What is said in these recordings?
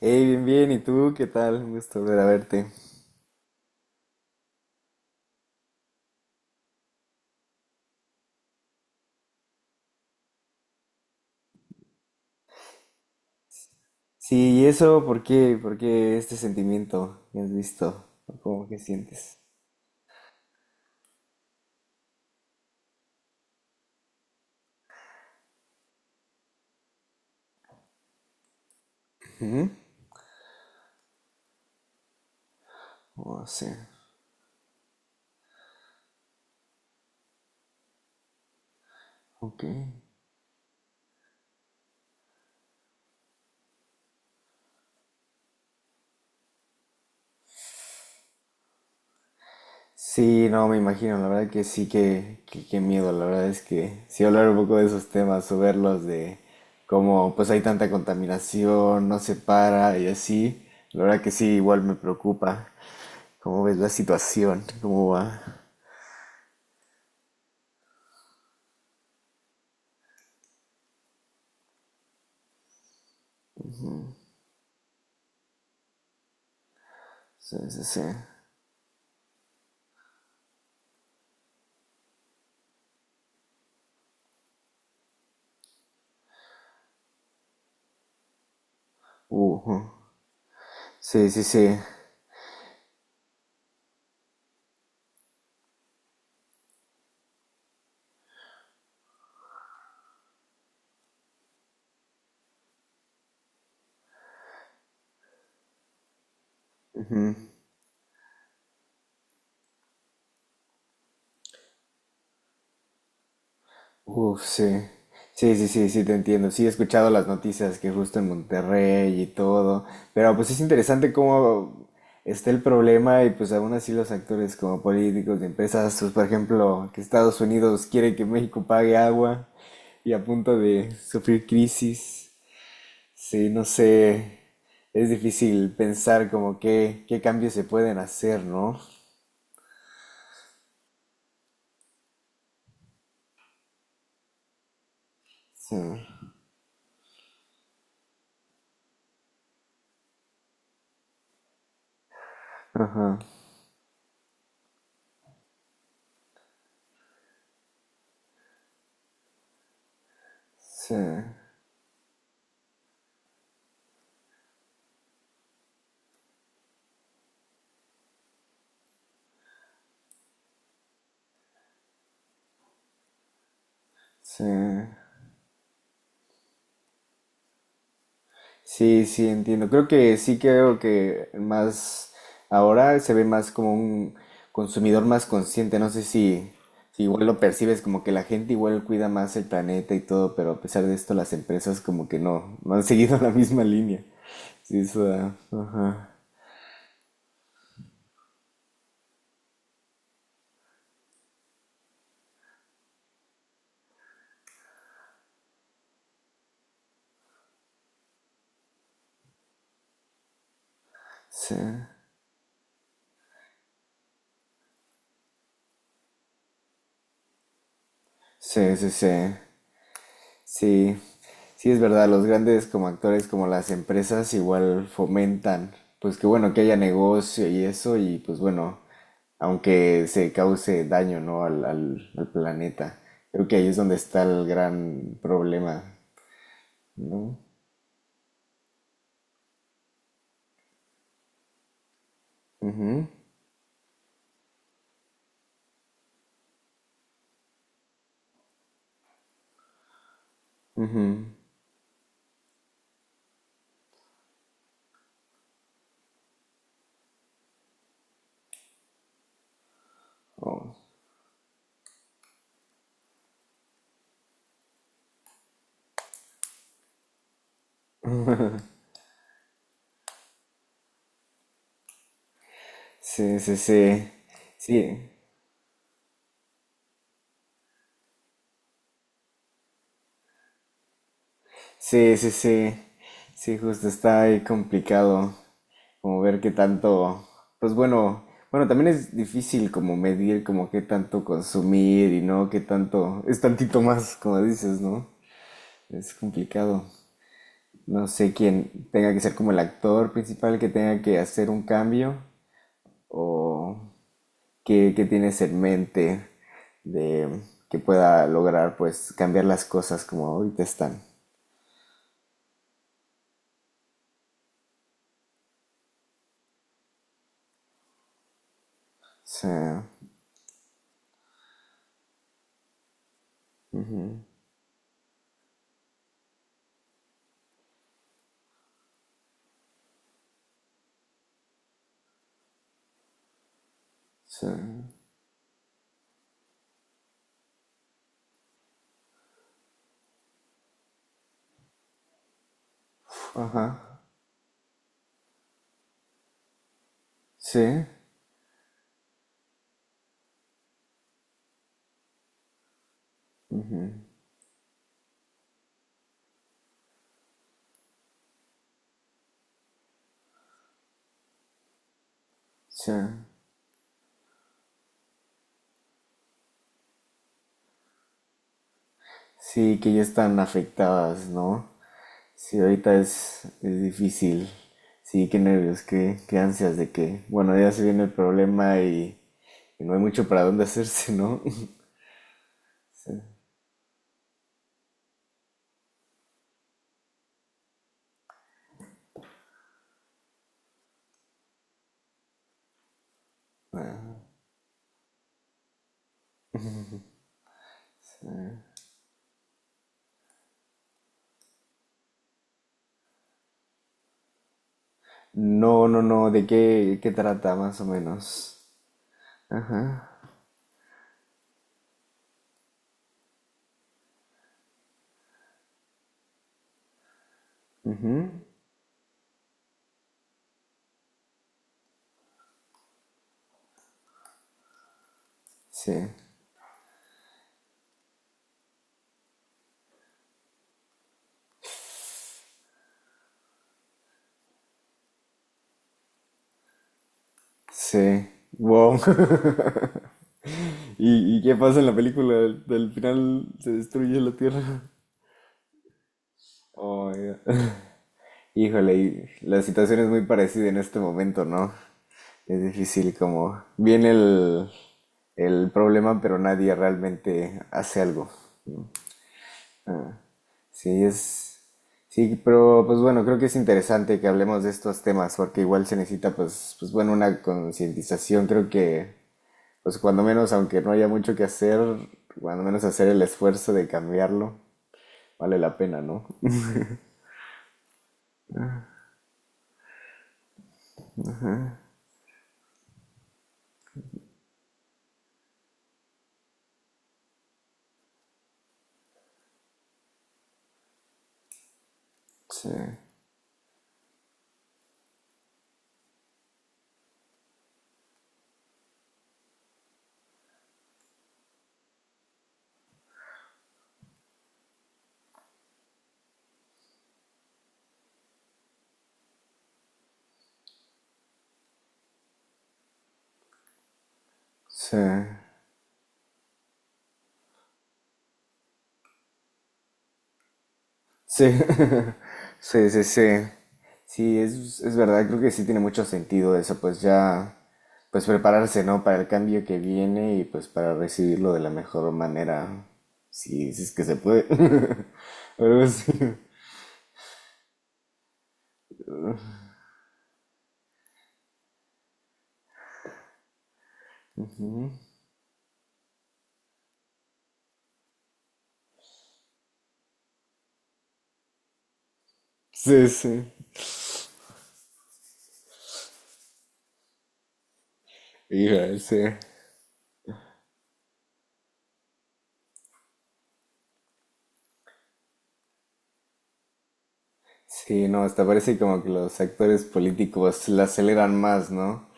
Hey, bien, bien, ¿y tú qué tal? Un gusto volver a verte. Sí, ¿y eso por qué? ¿Por qué este sentimiento que has visto? ¿Cómo que sientes? O sea, ok. Sí, no, me imagino, la verdad que sí, qué miedo, la verdad es que sí hablar un poco de esos temas o verlos de cómo pues hay tanta contaminación, no se para y así, la verdad que sí, igual me preocupa. ¿Cómo ves la situación? ¿Cómo va? Sí, sí, sí. Uh, uh. Sí, sí, sí. Uf, sí. Sí, sí, sí, sí, te entiendo. Sí, he escuchado las noticias que justo en Monterrey y todo, pero pues es interesante cómo está el problema y pues aún así los actores como políticos de empresas, pues por ejemplo, que Estados Unidos quiere que México pague agua y a punto de sufrir crisis. Sí, no sé, es difícil pensar como qué cambios se pueden hacer, ¿no? Sí. Ajá. Sí. Sí. Sí, sí, entiendo. Creo que sí. Creo que más ahora se ve más como un consumidor más consciente. No sé si, si igual lo percibes como que la gente igual cuida más el planeta y todo, pero a pesar de esto las empresas como que no, no han seguido la misma línea. Sí, ajá. Sí, sí, sí, sí. Sí, sí es verdad, los grandes como actores, como las empresas, igual fomentan, pues que bueno, que haya negocio y eso, y pues bueno, aunque se cause daño, ¿no? al planeta. Creo que ahí es donde está el gran problema. Oh. Sí, sí, sí. Sí. Sí, sí, sí. Sí, justo está ahí complicado. Como ver qué tanto. Pues bueno, bueno, también es difícil como medir como qué tanto consumir y no qué tanto. Es tantito más, como dices, ¿no? Es complicado. No sé quién tenga que ser como el actor principal que tenga que hacer un cambio o qué tienes en mente de que pueda lograr pues cambiar las cosas como ahorita están. O sea, sí. Ajá. Sí, sí. Sí, que ya están afectadas, ¿no? Sí, ahorita es difícil. Sí, qué nervios, qué, qué ansias de que, bueno, ya se viene el problema y no hay mucho para dónde hacerse, ¿no? Sí. No, no, no, ¿de qué, qué trata más o menos? Sí, sí. Wow. ¿Y, y qué pasa en la película? Al final se destruye la Tierra. Oh, ya. Híjole, y la situación es muy parecida en este momento, ¿no? Es difícil como viene el problema, pero nadie realmente hace algo. Sí, sí, pero pues bueno, creo que es interesante que hablemos de estos temas, porque igual se necesita pues, pues bueno, una concientización. Creo que pues cuando menos, aunque no haya mucho que hacer, cuando menos hacer el esfuerzo de cambiarlo, vale la pena, ¿no? Sí, sí, sí. Sí, sí, sí. Sí, es verdad, creo que sí tiene mucho sentido eso, pues ya, pues prepararse, ¿no? Para el cambio que viene y pues para recibirlo de la mejor manera, si es que se puede. Algo así. Sí, sí. Hija, sí. Sí, no, hasta parece como que los actores políticos la aceleran más, ¿no?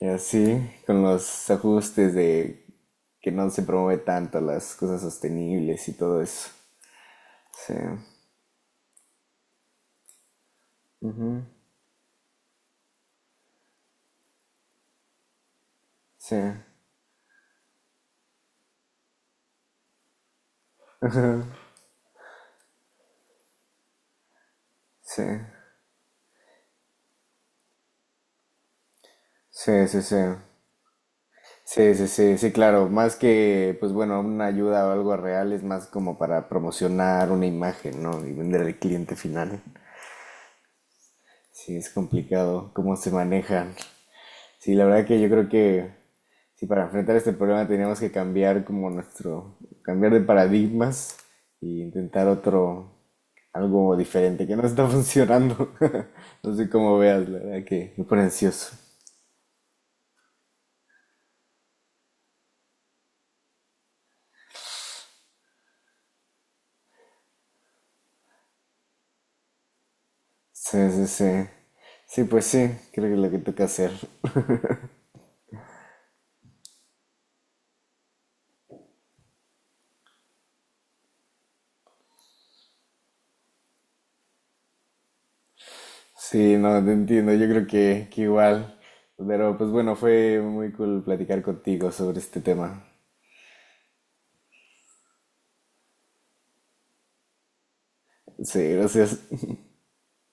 Y así, con los ajustes de que no se promueve tanto las cosas sostenibles y todo eso. Sí, sí. Sí, sí, sí, sí. Sí, sí, sí, sí, claro. Más que, pues bueno, una ayuda o algo real es más como para promocionar una imagen, ¿no? Y vender al cliente final. Sí, es complicado cómo se manejan. Sí, la verdad que yo creo que sí, para enfrentar este problema tenemos que cambiar como nuestro, cambiar de paradigmas e intentar otro, algo diferente que no está funcionando. No sé cómo veas, la verdad que me pone ansioso. Sí, sí, sí. Sí, pues sí, creo que es lo que toca hacer. Sí, no, te entiendo, yo creo que igual. Pero pues bueno, fue muy cool platicar contigo sobre este tema. Sí, gracias.